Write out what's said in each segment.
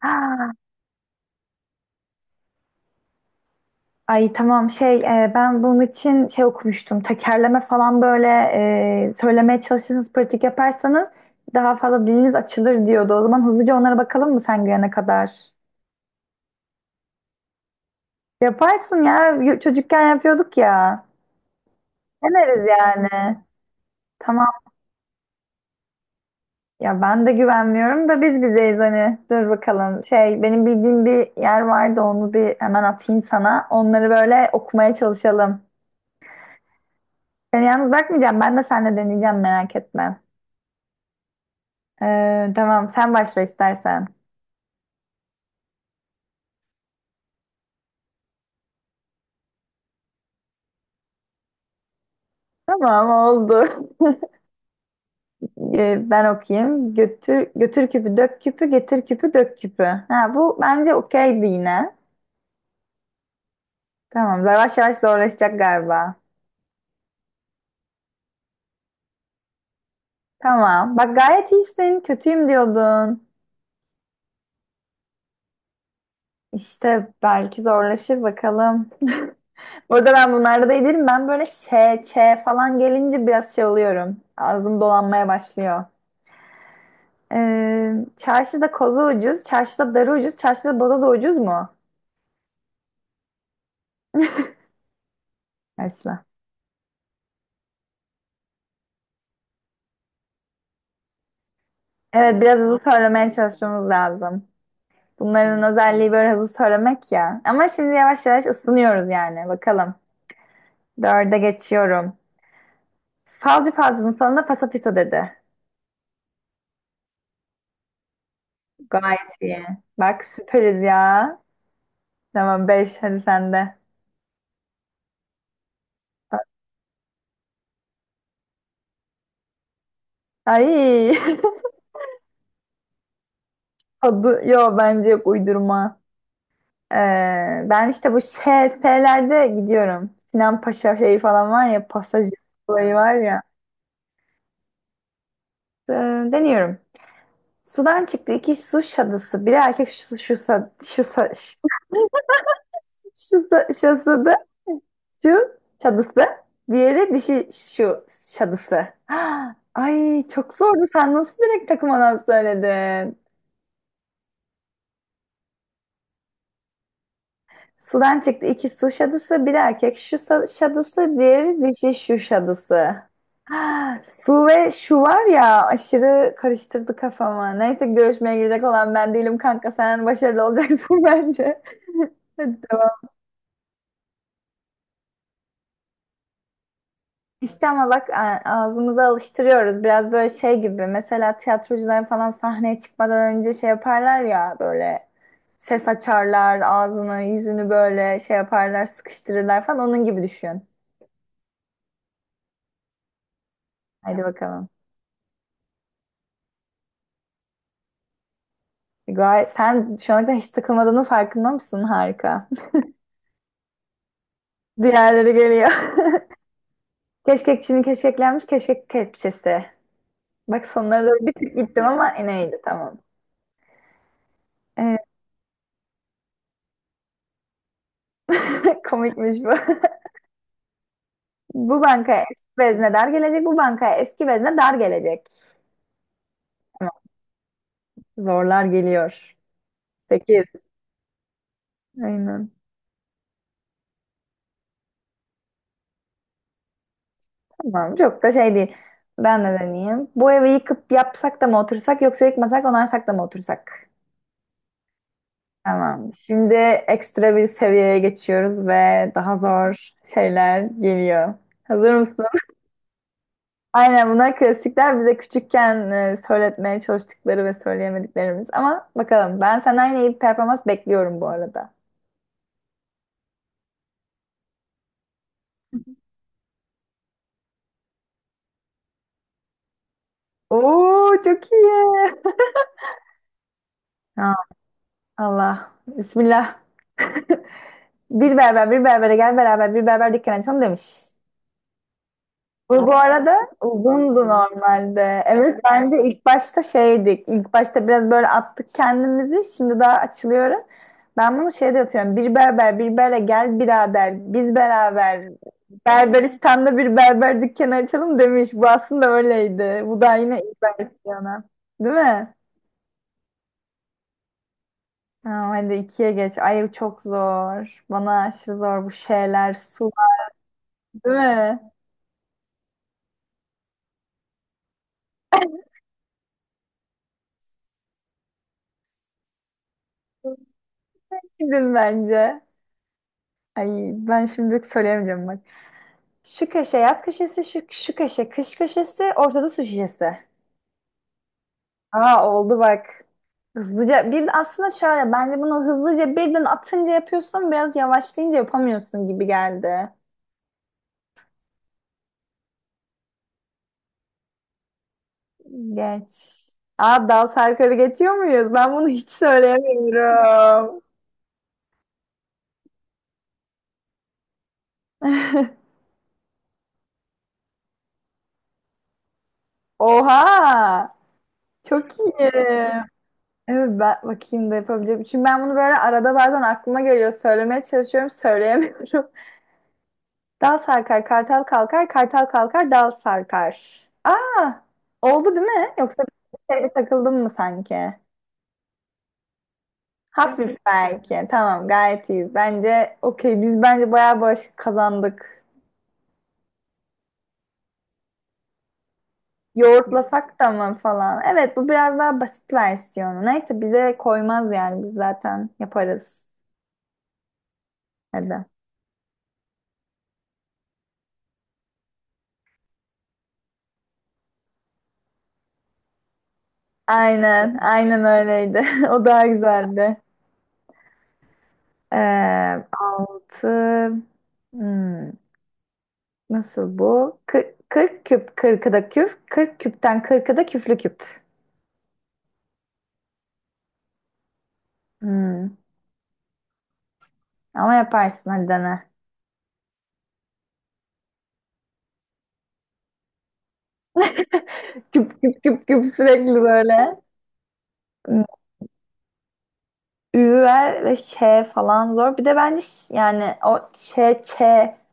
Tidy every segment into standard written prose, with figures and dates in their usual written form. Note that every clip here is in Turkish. Ha, Ay tamam şey ben bunun için şey okumuştum. Tekerleme falan böyle söylemeye çalışırsanız pratik yaparsanız daha fazla diliniz açılır diyordu. O zaman hızlıca onlara bakalım mı sen gelene kadar? Yaparsın ya. Y- Çocukken yapıyorduk ya. Deneriz yani. Tamam. Ya ben de güvenmiyorum da biz bizeyiz hani. Dur bakalım. Şey benim bildiğim bir yer vardı onu bir hemen atayım sana. Onları böyle okumaya çalışalım. Seni yalnız bırakmayacağım. Ben de seninle deneyeceğim, merak etme. Tamam, sen başla istersen. Tamam, oldu. Ben okuyayım. Götür, götür küpü dök küpü, getir küpü dök küpü. Ha, bu bence okeydi yine. Tamam, yavaş yavaş zorlaşacak galiba. Tamam bak, gayet iyisin, kötüyüm diyordun. İşte belki zorlaşır, bakalım. Burada ben bunlarda da iyiyim. Ben böyle ş, ç falan gelince biraz şey oluyorum. Ağzım dolanmaya başlıyor. Çarşıda koza ucuz, çarşıda darı ucuz, çarşıda boza da ucuz mu? Başla. Evet, biraz hızlı söylemeye çalışmamız lazım. Bunların özelliği böyle hızlı söylemek ya. Ama şimdi yavaş yavaş ısınıyoruz yani. Bakalım. Dörde geçiyorum. Falcı falcının falında pasapito dedi. Gayet iyi. Bak süperiz ya. Tamam, beş, hadi sen de. Ay. Adı, yo bence yok, uydurma. Ee, Ben işte bu şey, şeylerde gidiyorum. Sinan Paşa şeyi falan var ya, pasajı olayı var ya. Ee, Deniyorum. Sudan çıktı iki su şadısı. Biri erkek şu, şu, sa- şu, sa- şu, sa- şadısı, şu şadısı. Diğeri dişi şu şadısı. Ay çok zordu. Sen nasıl direkt takılmadan söyledin? Sudan çıktı iki su şadısı. Biri erkek şu sa- şadısı. Diğeri dişi şu şadısı. Ha, su ve şu var ya, aşırı karıştırdı kafamı. Neyse, görüşmeye girecek olan ben değilim kanka. Sen başarılı olacaksın bence. Hadi devam. İşte ama bak, a- ağzımıza alıştırıyoruz. Biraz böyle şey gibi. Mesela tiyatrocular falan sahneye çıkmadan önce şey yaparlar ya, böyle ses açarlar, ağzını, yüzünü böyle şey yaparlar, sıkıştırırlar falan. Onun gibi düşün. Hadi bakalım. Gayet, sen şu ana kadar hiç takılmadığının farkında mısın? Harika. Diğerleri geliyor. Keşkek Çin'i keşkeklenmiş keşkek kepçesi. Bak sonlara doğru bir tık gittim ama yine iyiydi, tamam. Ee, komikmiş bu. Bu bankaya eski vezne dar gelecek, bu bankaya eski vezne dar gelecek. Tamam, zorlar geliyor. 8. Aynen. Tamam, çok da şey değil. Ben de deneyeyim. Bu evi yıkıp yapsak da mı otursak, yoksa yıkmasak onarsak da mı otursak? Tamam. Şimdi ekstra bir seviyeye geçiyoruz ve daha zor şeyler geliyor. Hazır mısın? Aynen, bunlar klasikler, bize küçükken söyletmeye çalıştıkları ve söyleyemediklerimiz. Ama bakalım, ben senden yine iyi bir performans bekliyorum bu arada. Oo, çok iyi. Ha, Allah. Bismillah. Bir berber bir berbere gel beraber bir berber dükkanı açalım demiş. Bu arada uzundu normalde. Evet, bence ilk başta şeydik. İlk başta biraz böyle attık kendimizi. Şimdi daha açılıyoruz. Ben bunu şeyde atıyorum. Bir berber bir berbere gel birader. Biz beraber Berberistan'da bir berber dükkanı açalım demiş. Bu aslında öyleydi. Bu da yine ilk versiyonu. Değil mi? Tamam, hadi ikiye geç. Ay çok zor. Bana aşırı zor bu şeyler. Sular, değil mi? Gidin bence. Ay, ben şimdilik söyleyemeyeceğim bak. Şu köşe yaz köşesi, şu, şu köşe kış köşesi, ortada su şişesi. Aa, oldu bak. Hızlıca bir, aslında şöyle, bence bunu hızlıca birden atınca yapıyorsun, biraz yavaşlayınca yapamıyorsun gibi geldi. Geç. Aa, dal sarkarı geçiyor muyuz? Ben bunu hiç söyleyemiyorum. Oha! Çok iyi. Evet, ben bakayım da yapabileceğim. Çünkü ben bunu böyle arada bazen aklıma geliyor. Söylemeye çalışıyorum, söyleyemiyorum. Dal sarkar, kartal kalkar, kartal kalkar, dal sarkar. Aa, oldu değil mi? Yoksa bir şeyde takıldım mı sanki? Hafif belki. Tamam, gayet iyi. Bence okey. Biz bence bayağı bağışık kazandık. Yoğurtlasak da mı falan. Evet, bu biraz daha basit versiyonu. Neyse, bize koymaz yani. Biz zaten yaparız. Hadi. Aynen, aynen öyleydi. O daha güzeldi. Ee, Altı, hmm, nasıl bu? Kı- 40 küp, 40'ı da küp. 40 küpten 40'ı da küflü küp. Hmm, ama yaparsın, hadi dene. Küp küp küp küp, sürekli böyle. Hmm, Ü ver ve ş falan zor. Bir de bence ş-, yani o ş ç,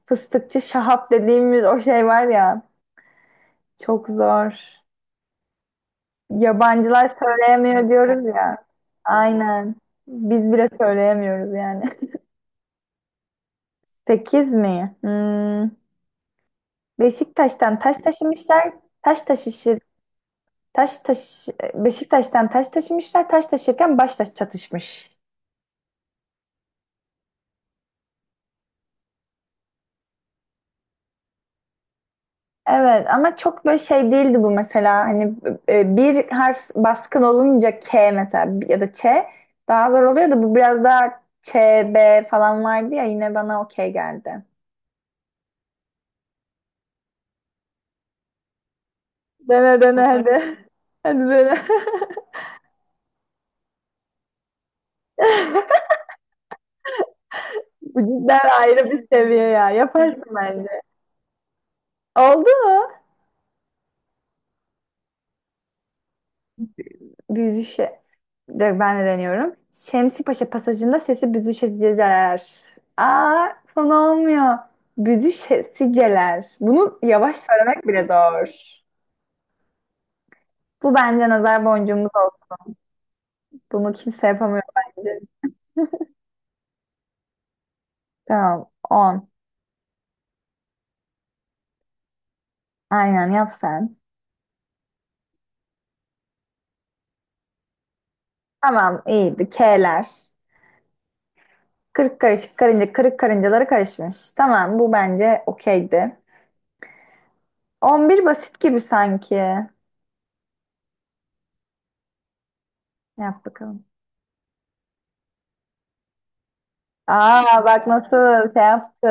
fıstıkçı Şahap dediğimiz o şey var ya, çok zor. Yabancılar söyleyemiyor diyoruz ya. Aynen. Biz bile söyleyemiyoruz yani. Sekiz mi? Hmm. Beşiktaş'tan taş taşımışlar. Taş taşışır. Taş taş Beşiktaş'tan taş taşımışlar. Taş taşırken baş taş çatışmış. Evet ama çok böyle şey değildi bu mesela. Hani bir harf baskın olunca, K mesela ya da Ç, daha zor oluyor da, bu biraz daha Ç, B falan vardı ya, yine bana okey geldi. Dene dene hadi. Hadi dene. Bu cidden ayrı bir seviye ya. Yaparsın bence. Oldu mu? Büyüzüşe. De- Ben de deniyorum. Şemsipaşa pasajında sesi büzüşeceler. Aa, son olmuyor. Büzüşeceler. Bunu yavaş söylemek bile zor. Bu bence nazar boncuğumuz olsun. Bunu kimse yapamıyor bence. Tamam. 10. Aynen yap sen. Tamam, iyiydi. K'ler. Kırık karışık karınca kırık karıncaları karışmış. Tamam, bu bence okeydi. 11 basit gibi sanki. Yap bakalım. Aa, bak nasıl şey yaptı.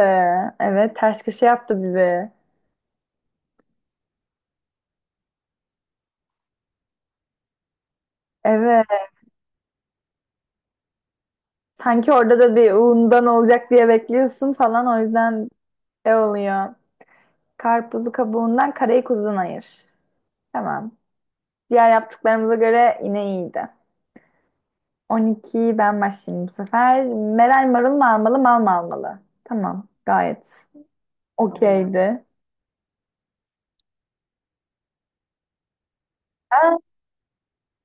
Evet, ters köşe yaptı bizi. Evet. Sanki orada da bir undan olacak diye bekliyorsun falan, o yüzden şey oluyor. Karpuzu kabuğundan, karayı kuzudan ayır. Tamam. Diğer yaptıklarımıza göre yine iyiydi. 12, ben başlayayım bu sefer. Meral marul mu almalı, mal mı almalı? Tamam, gayet okeydi.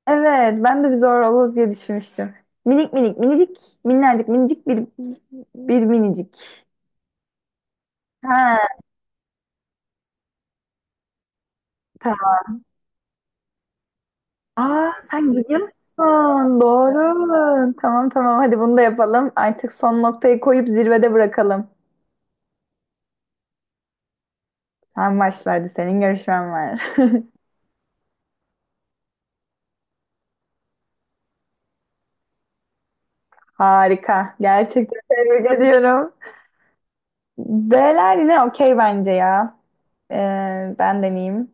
Evet, ben de bir zor olur diye düşünmüştüm. Minik minik minicik minnacık minicik bir minicik. Ha, tamam. Aa, sen gidiyorsun. Doğru. Tamam tamam, hadi bunu da yapalım. Artık son noktayı koyup zirvede bırakalım. Sen başlardı, senin görüşmen var. Harika. Gerçekten tebrik ediyorum. B'ler yine okey bence ya. Ben deneyeyim.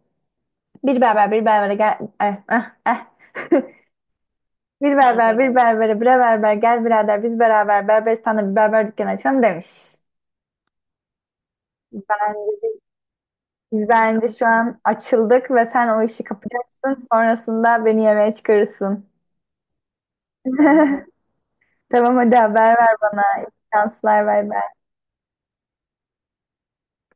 Bir berber bir berbere gel. Eh. Bir berber bir berbere bre berber gel birader, biz beraber Berberistan'da bir berber dükkanı açalım demiş. Biz bence şu an açıldık ve sen o işi kapacaksın. Sonrasında beni yemeğe çıkarırsın. Tamam, hadi haber ver bana. İyi şanslar, bay bay.